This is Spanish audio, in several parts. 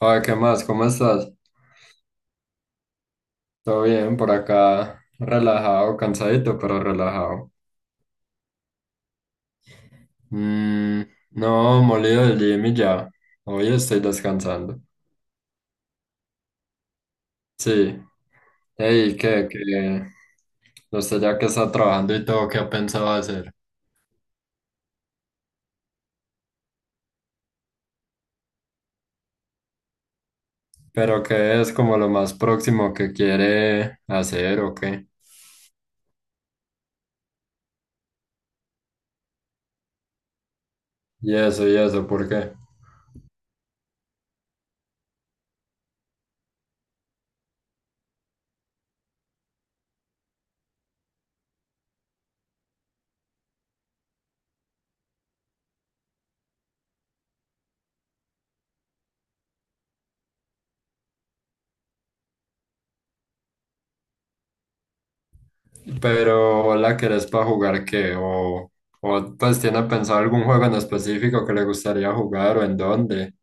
Joder, ¿qué más? ¿Cómo estás? Todo bien, por acá, relajado, cansadito, pero relajado. Mm, no, molido del gym y ya. Hoy estoy descansando. Sí. Ey, ¿qué? ¿Qué? Usted ya que está trabajando y todo, ¿qué ha pensado hacer? ¿Pero qué es como lo más próximo que quiere hacer o qué? Y eso, ¿por qué? Pero ¿la querés para jugar qué? O pues tiene pensado algún juego en específico que le gustaría jugar o en dónde?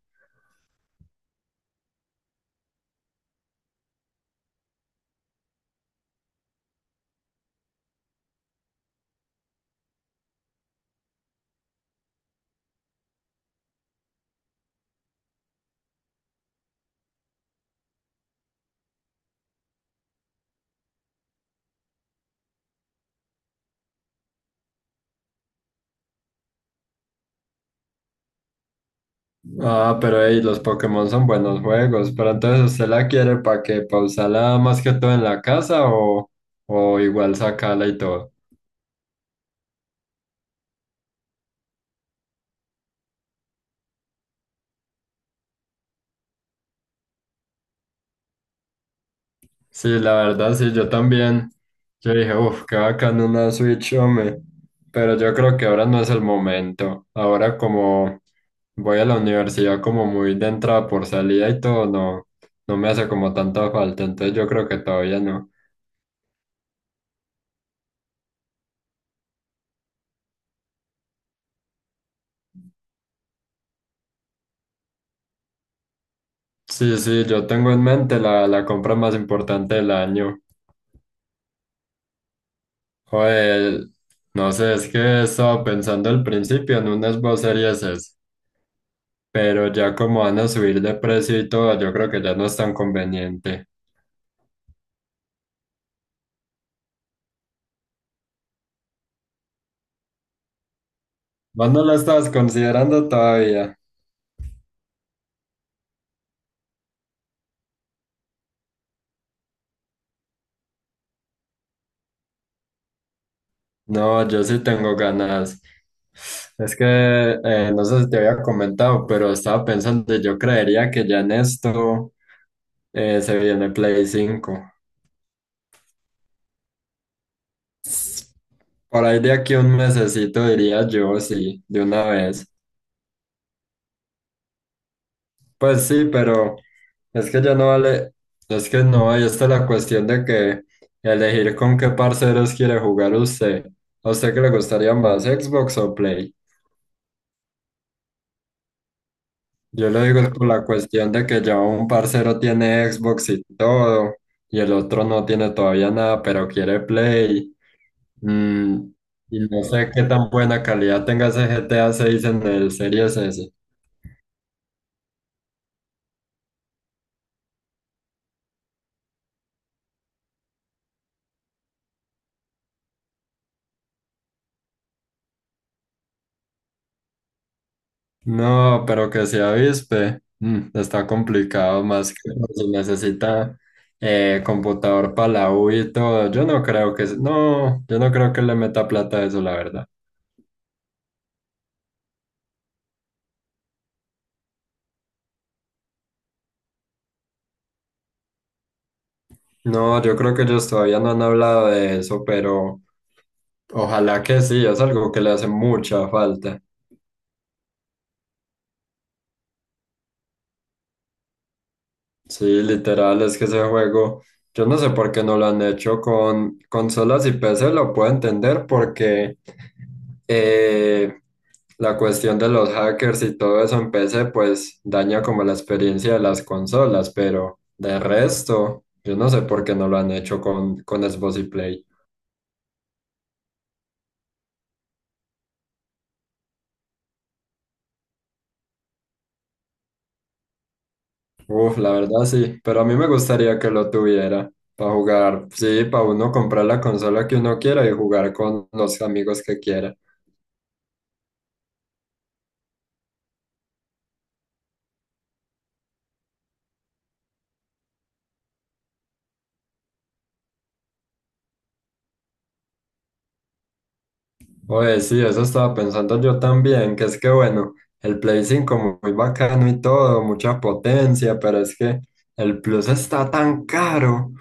Ah, pero hey, los Pokémon son buenos juegos. Pero entonces, ¿usted la quiere para que pausarla más que todo en la casa o igual sacarla y todo? Sí, la verdad, sí, yo también. Yo dije, uff, qué bacán una Switch, hombre. Pero yo creo que ahora no es el momento. Ahora, como voy a la universidad, como muy de entrada por salida y todo, no, no me hace como tanta falta. Entonces, yo creo que todavía no. Sí, sí, yo tengo en mente la compra más importante del año. Joder, no sé, es que estaba pensando al principio en unas vocerías, esas, pero ya como van a subir de precio y todo, yo creo que ya no es tan conveniente. ¿Vos no la estabas considerando todavía? No, yo sí tengo ganas. Es que no sé si te había comentado, pero estaba pensando, yo creería que ya en esto se viene Play cinco. Por ahí de aquí a un mesecito diría yo, sí, de una vez. Pues sí, pero es que ya no vale, es que no, ahí está la cuestión de que elegir con qué parceros quiere jugar usted. ¿A usted qué le gustaría más, Xbox o Play? Yo lo digo es por la cuestión de que ya un parcero tiene Xbox y todo, y el otro no tiene todavía nada, pero quiere Play. Mm, y no sé qué tan buena calidad tenga ese GTA 6 en el Series S. No, pero que se avispe, está complicado más que si necesita computador para la U y todo. Yo no creo que, no, yo no creo que le meta plata a eso, la verdad. No, yo creo que ellos todavía no han hablado de eso, pero ojalá que sí, es algo que le hace mucha falta. Sí, literal, es que ese juego, yo no sé por qué no lo han hecho con consolas y PC, lo puedo entender porque eh, la cuestión de los hackers y todo eso en PC, pues daña como la experiencia de las consolas, pero de resto, yo no sé por qué no lo han hecho con Xbox y Play. Uf, la verdad sí, pero a mí me gustaría que lo tuviera para jugar, sí, para uno comprar la consola que uno quiera y jugar con los amigos que quiera. Oye, sí, eso estaba pensando yo también, que es que bueno, el Play 5 muy bacano y todo, mucha potencia, pero es que el Plus está tan caro.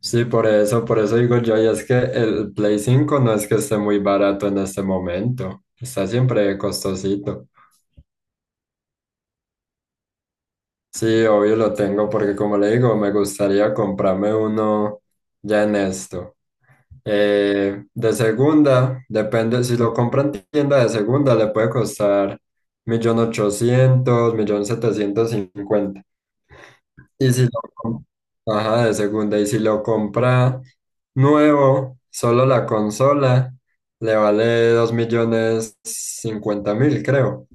Sí, por eso digo yo, y es que el Play 5 no es que esté muy barato en este momento, está siempre costosito. Sí, obvio lo tengo porque como le digo, me gustaría comprarme uno ya en esto. De segunda, depende, si lo compra en tienda de segunda le puede costar millón millón ochocientos millón setecientos cincuenta. Y si ajá, de segunda, y si lo compra nuevo, solo la consola, le vale 2.050.000 creo.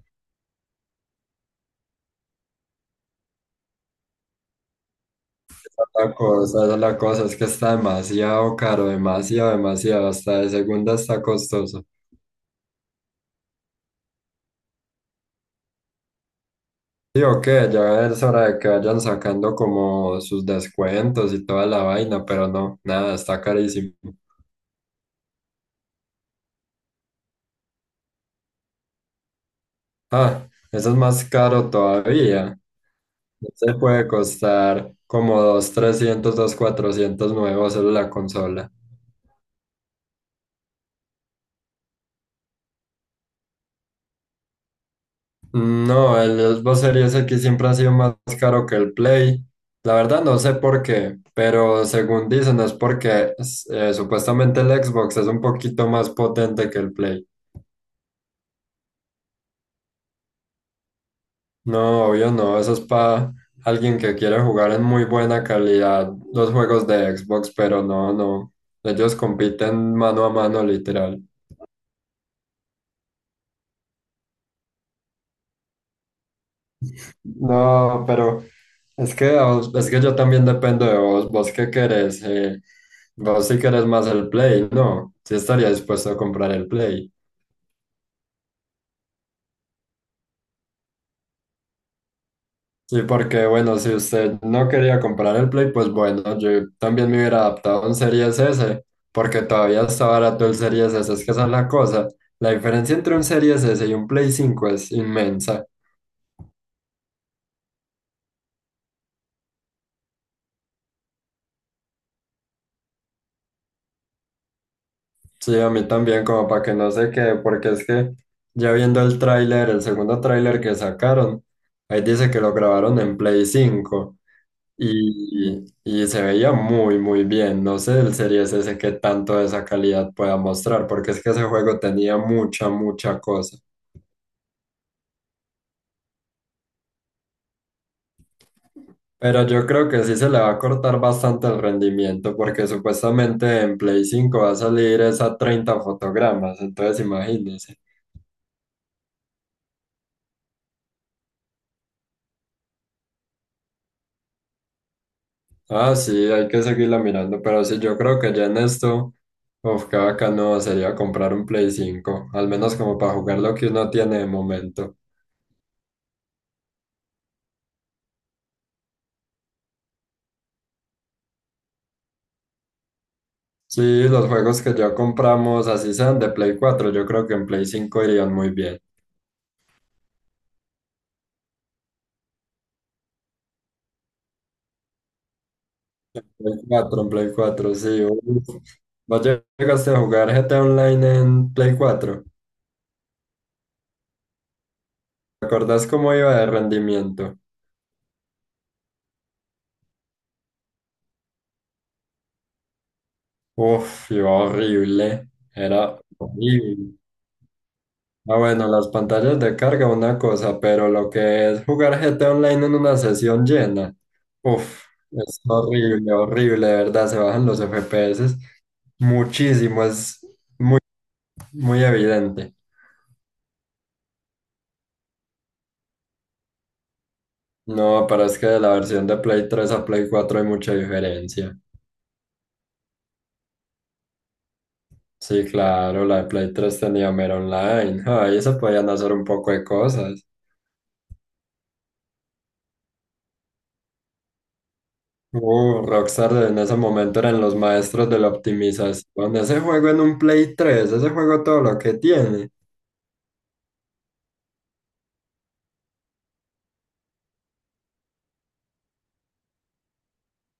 La cosa, esa es la cosa, es que está demasiado caro, demasiado, demasiado, hasta de segunda está costoso. Sí, ok, ya es hora de que vayan sacando como sus descuentos y toda la vaina, pero no, nada, está carísimo. Ah, eso es más caro todavía. No se puede costar como 2 300 2 400 nuevos solo la consola. No, el Xbox Series X siempre ha sido más caro que el Play. La verdad no sé por qué, pero según dicen es porque supuestamente el Xbox es un poquito más potente que el Play. No, obvio no, eso es para alguien que quiere jugar en muy buena calidad los juegos de Xbox, pero no, no, ellos compiten mano a mano literal. No, pero es que es que yo también dependo de vos. ¿Vos qué querés? Vos sí querés más el Play, ¿no? Sí estaría dispuesto a comprar el Play. Sí, porque bueno, si usted no quería comprar el Play, pues bueno, yo también me hubiera adaptado a un Series S, porque todavía está barato el Series S, es que esa es la cosa. La diferencia entre un Series S y un Play cinco es inmensa. Sí, a mí también, como para que no se quede, porque es que ya viendo el tráiler, el segundo tráiler que sacaron, ahí dice que lo grabaron en Play cinco y se veía muy, muy bien. No sé el Series S qué tanto de esa calidad pueda mostrar, porque es que ese juego tenía mucha, mucha cosa. Pero yo creo que sí se le va a cortar bastante el rendimiento, porque supuestamente en Play cinco va a salir esa 30 fotogramas, entonces imagínense. Ah, sí, hay que seguirla mirando, pero sí, yo creo que ya en esto, uf, qué bacano sería comprar un Play cinco, al menos como para jugar lo que uno tiene de momento. Sí, los juegos que ya compramos, así sean de Play cuatro, yo creo que en Play cinco irían muy bien. Play cuatro, en Play cuatro, sí. Uf. ¿Vos llegaste a jugar GTA Online en Play cuatro? ¿Te acordás cómo iba de rendimiento? Uf, iba horrible, era horrible. Ah, bueno, las pantallas de carga, una cosa, pero lo que es jugar GT Online en una sesión llena, uff, es horrible, horrible, de verdad, se bajan los FPS muchísimo, es muy evidente. No, pero es que de la versión de Play tres a Play cuatro hay mucha diferencia. Sí, claro, la de Play tres tenía mero online, ahí se podían hacer un poco de cosas. Rockstar en ese momento eran los maestros de la optimización. Ese juego en un Play tres, ese juego todo lo que tiene.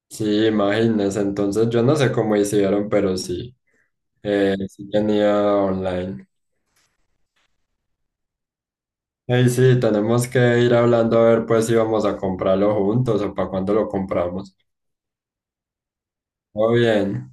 Sí, imagínense. Entonces yo no sé cómo hicieron, pero sí. Sí tenía online. Ey, sí, tenemos que ir hablando a ver pues si vamos a comprarlo juntos o para cuándo lo compramos. Todo bien.